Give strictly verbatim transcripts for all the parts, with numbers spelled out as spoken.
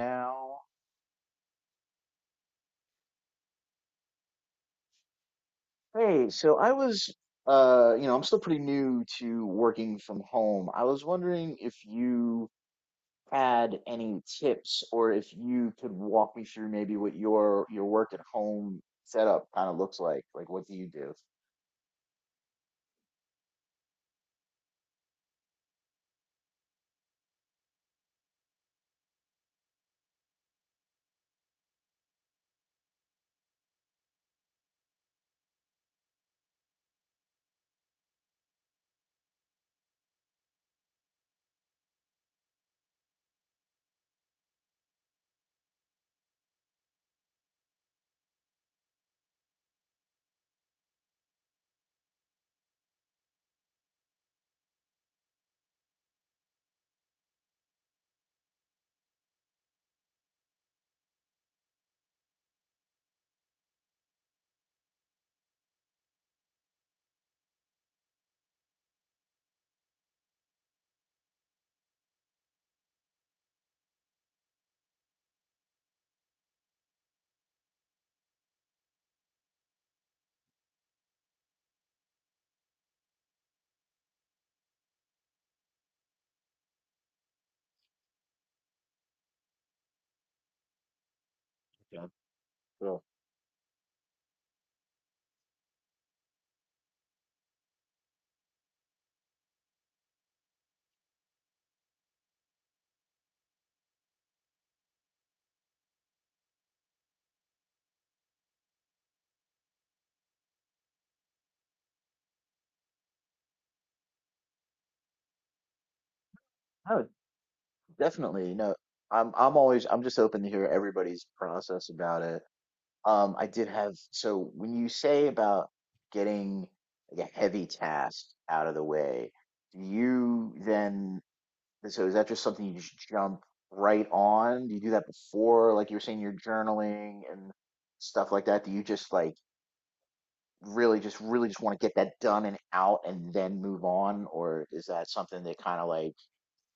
Now, hey, so I was, uh, you know, I'm still pretty new to working from home. I was wondering if you had any tips or if you could walk me through maybe what your your work at home setup kind of looks like. Like, what do you do? Yeah. Cool. Oh, definitely. No, I'm I'm always I'm just open to hear everybody's process about it. Um, I did have, so when you say about getting like a heavy task out of the way, do you then, so is that just something you just jump right on? Do you do that before, like you were saying, you're journaling and stuff like that? Do you just like really just really just want to get that done and out and then move on? Or is that something that kind of like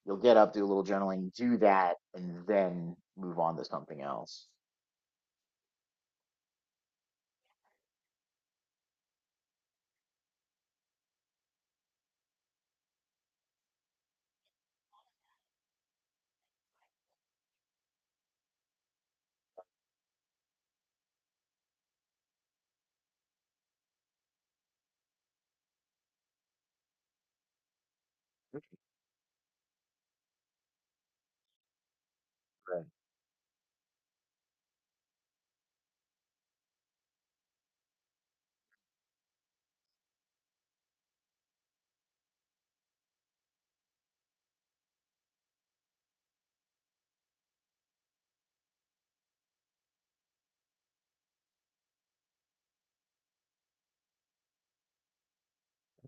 you'll get up, do a little journaling, do that, and then move on to something else? Right.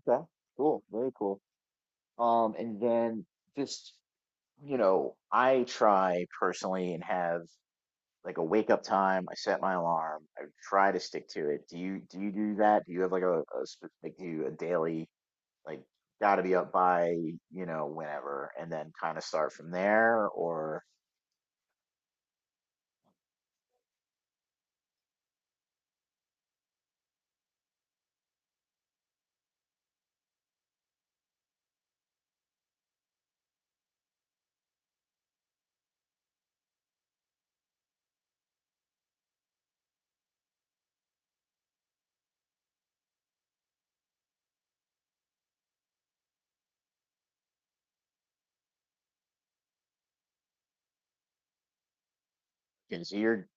Okay. Cool. Very cool. Um, and then just, you know, I try personally and have like a wake up time. I set my alarm. I try to stick to it. Do you do you do that? Do you have like a, a sp- like do you a daily like got to be up by, you know, whenever and then kind of start from there or because you're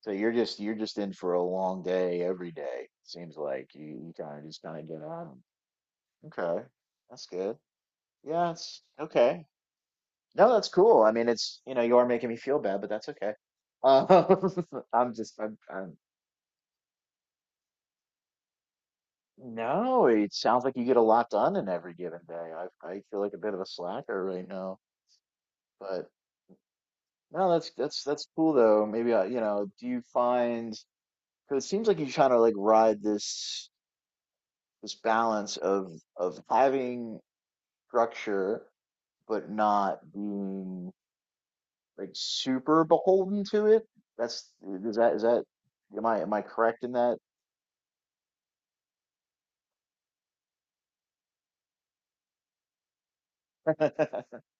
so you're just you're just in for a long day every day. Seems like you, you kind of just kind of get on. Okay. That's good. Yeah, it's okay. No, that's cool. I mean, it's, you know, you are making me feel bad, but that's okay. Um, I'm just, I'm, I'm, no, it sounds like you get a lot done in every given day. I, I feel like a bit of a slacker right now, but no, that's, that's, that's cool though. Maybe, I, you know, do you find, because it seems like you're trying to like ride this, this balance of, of having structure, but not being like super beholden to it. That's, is that, is that, am I, am I correct in that? Okay,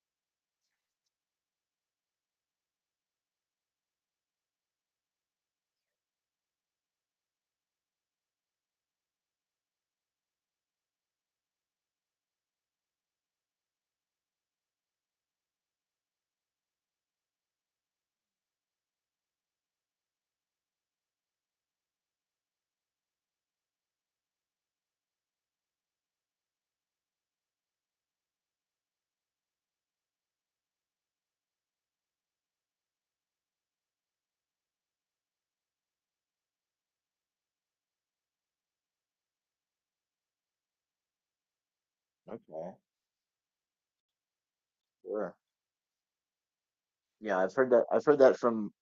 sure. Yeah, I've heard that. I've heard that from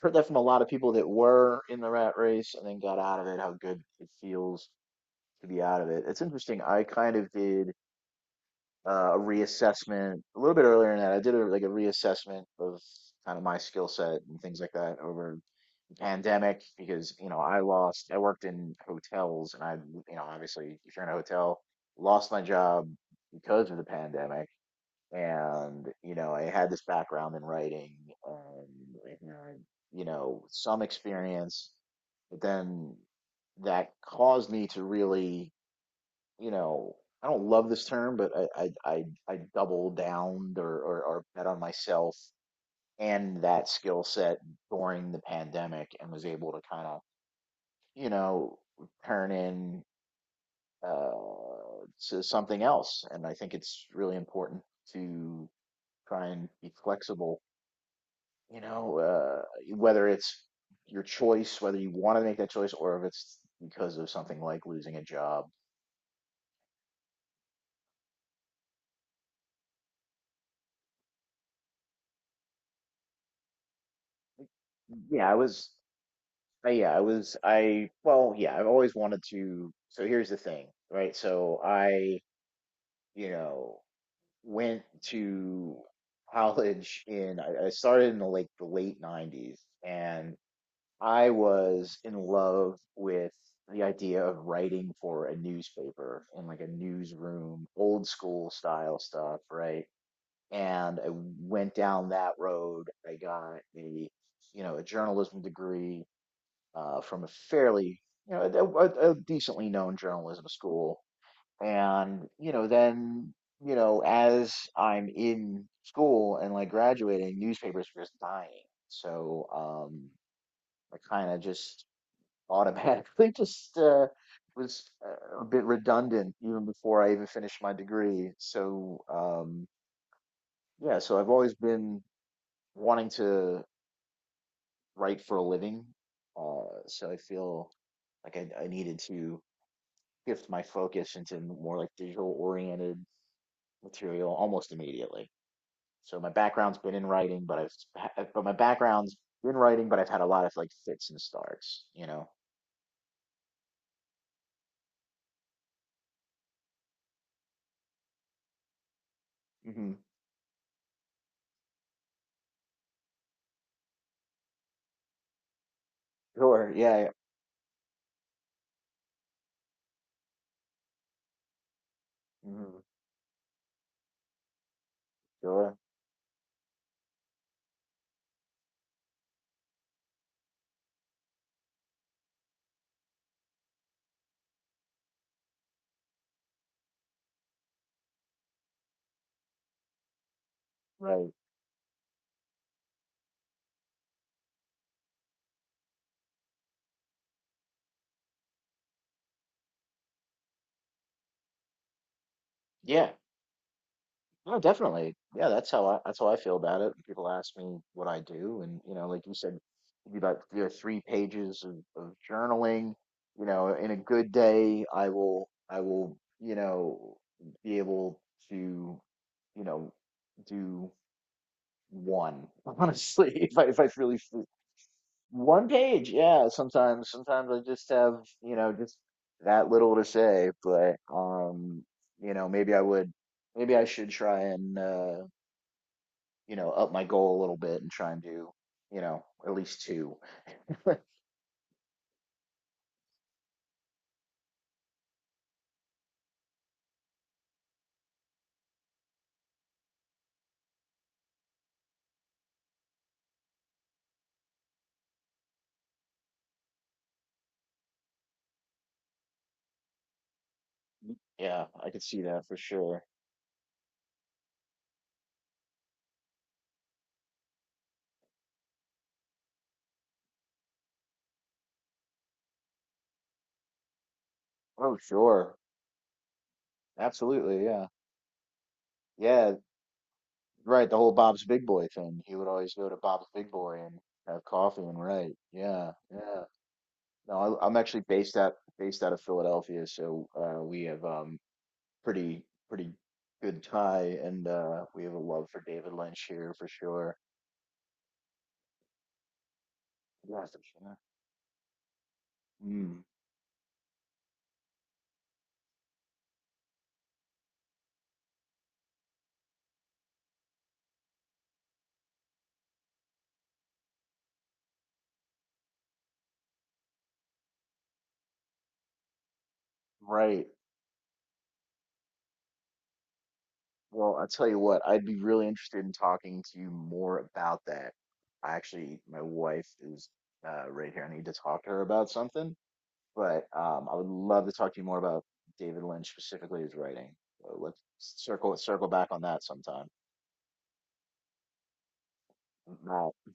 heard that from a lot of people that were in the rat race and then got out of it. How good it feels to be out of it. It's interesting. I kind of did uh, a reassessment a little bit earlier in that. I did a, like a reassessment of kind of my skill set and things like that over the pandemic because, you know, I lost. I worked in hotels and I, you know, obviously if you're in a hotel, lost my job because of the pandemic. And, you know, I had this background in writing, um and, uh, you know, some experience. But then that caused me to really, you know, I don't love this term, but i i i, I double downed or, or or bet on myself and that skill set during the pandemic, and was able to kind of, you know, turn in uh to something else. And I think it's really important to try and be flexible, you know, uh, whether it's your choice, whether you want to make that choice, or if it's because of something like losing a job. Yeah, I was, uh, yeah, I was, I, well, yeah, I've always wanted to. So here's the thing, right? So I, you know, went to college in, I, I started in the like the late nineties, and I was in love with the idea of writing for a newspaper in like a newsroom, old school style stuff, right? And I went down that road. I got a, you know, a journalism degree, uh, from a fairly, you know, a, a a decently known journalism school. And, you know, then, you know, as I'm in school and like graduating, newspapers were just dying. So, um, I kind of just automatically just uh, was uh, a bit redundant even before I even finished my degree. So um, yeah, so I've always been wanting to write for a living. Uh, so I feel like I, I needed to shift my focus into more like digital oriented material almost immediately. So my background's been in writing, but I've ha- uh, but my background's been writing, but I've had a lot of like fits and starts, you know. Hmm. Sure. Yeah. Yeah. Mm-hmm. Sure. Right. Yeah. No, definitely. Yeah, that's how I that's how I feel about it. People ask me what I do, and, you know, like you said, it'd be about, you know, three pages of, of journaling. You know, in a good day, I will I will, you know, be able to, you know, do one honestly if I if I really one page, yeah. Sometimes, sometimes I just have, you know, just that little to say, but um, you know, maybe I would, maybe I should try and, uh, you know, up my goal a little bit and try and do, you know, at least two. Yeah, I could see that for sure. Oh, sure. Absolutely, yeah. Yeah, right, the whole Bob's Big Boy thing. He would always go to Bob's Big Boy and have coffee and write. Yeah, yeah. No, I, I'm actually based out based out of Philadelphia, so uh, we have um pretty pretty good tie, and uh, we have a love for David Lynch here for sure. Yeah, for sure. Mm, right. Well, I'll tell you what, I'd be really interested in talking to you more about that. I actually, my wife is, uh, right here. I need to talk to her about something, but um, I would love to talk to you more about David Lynch, specifically his writing. So let's circle circle back on that sometime. Bye.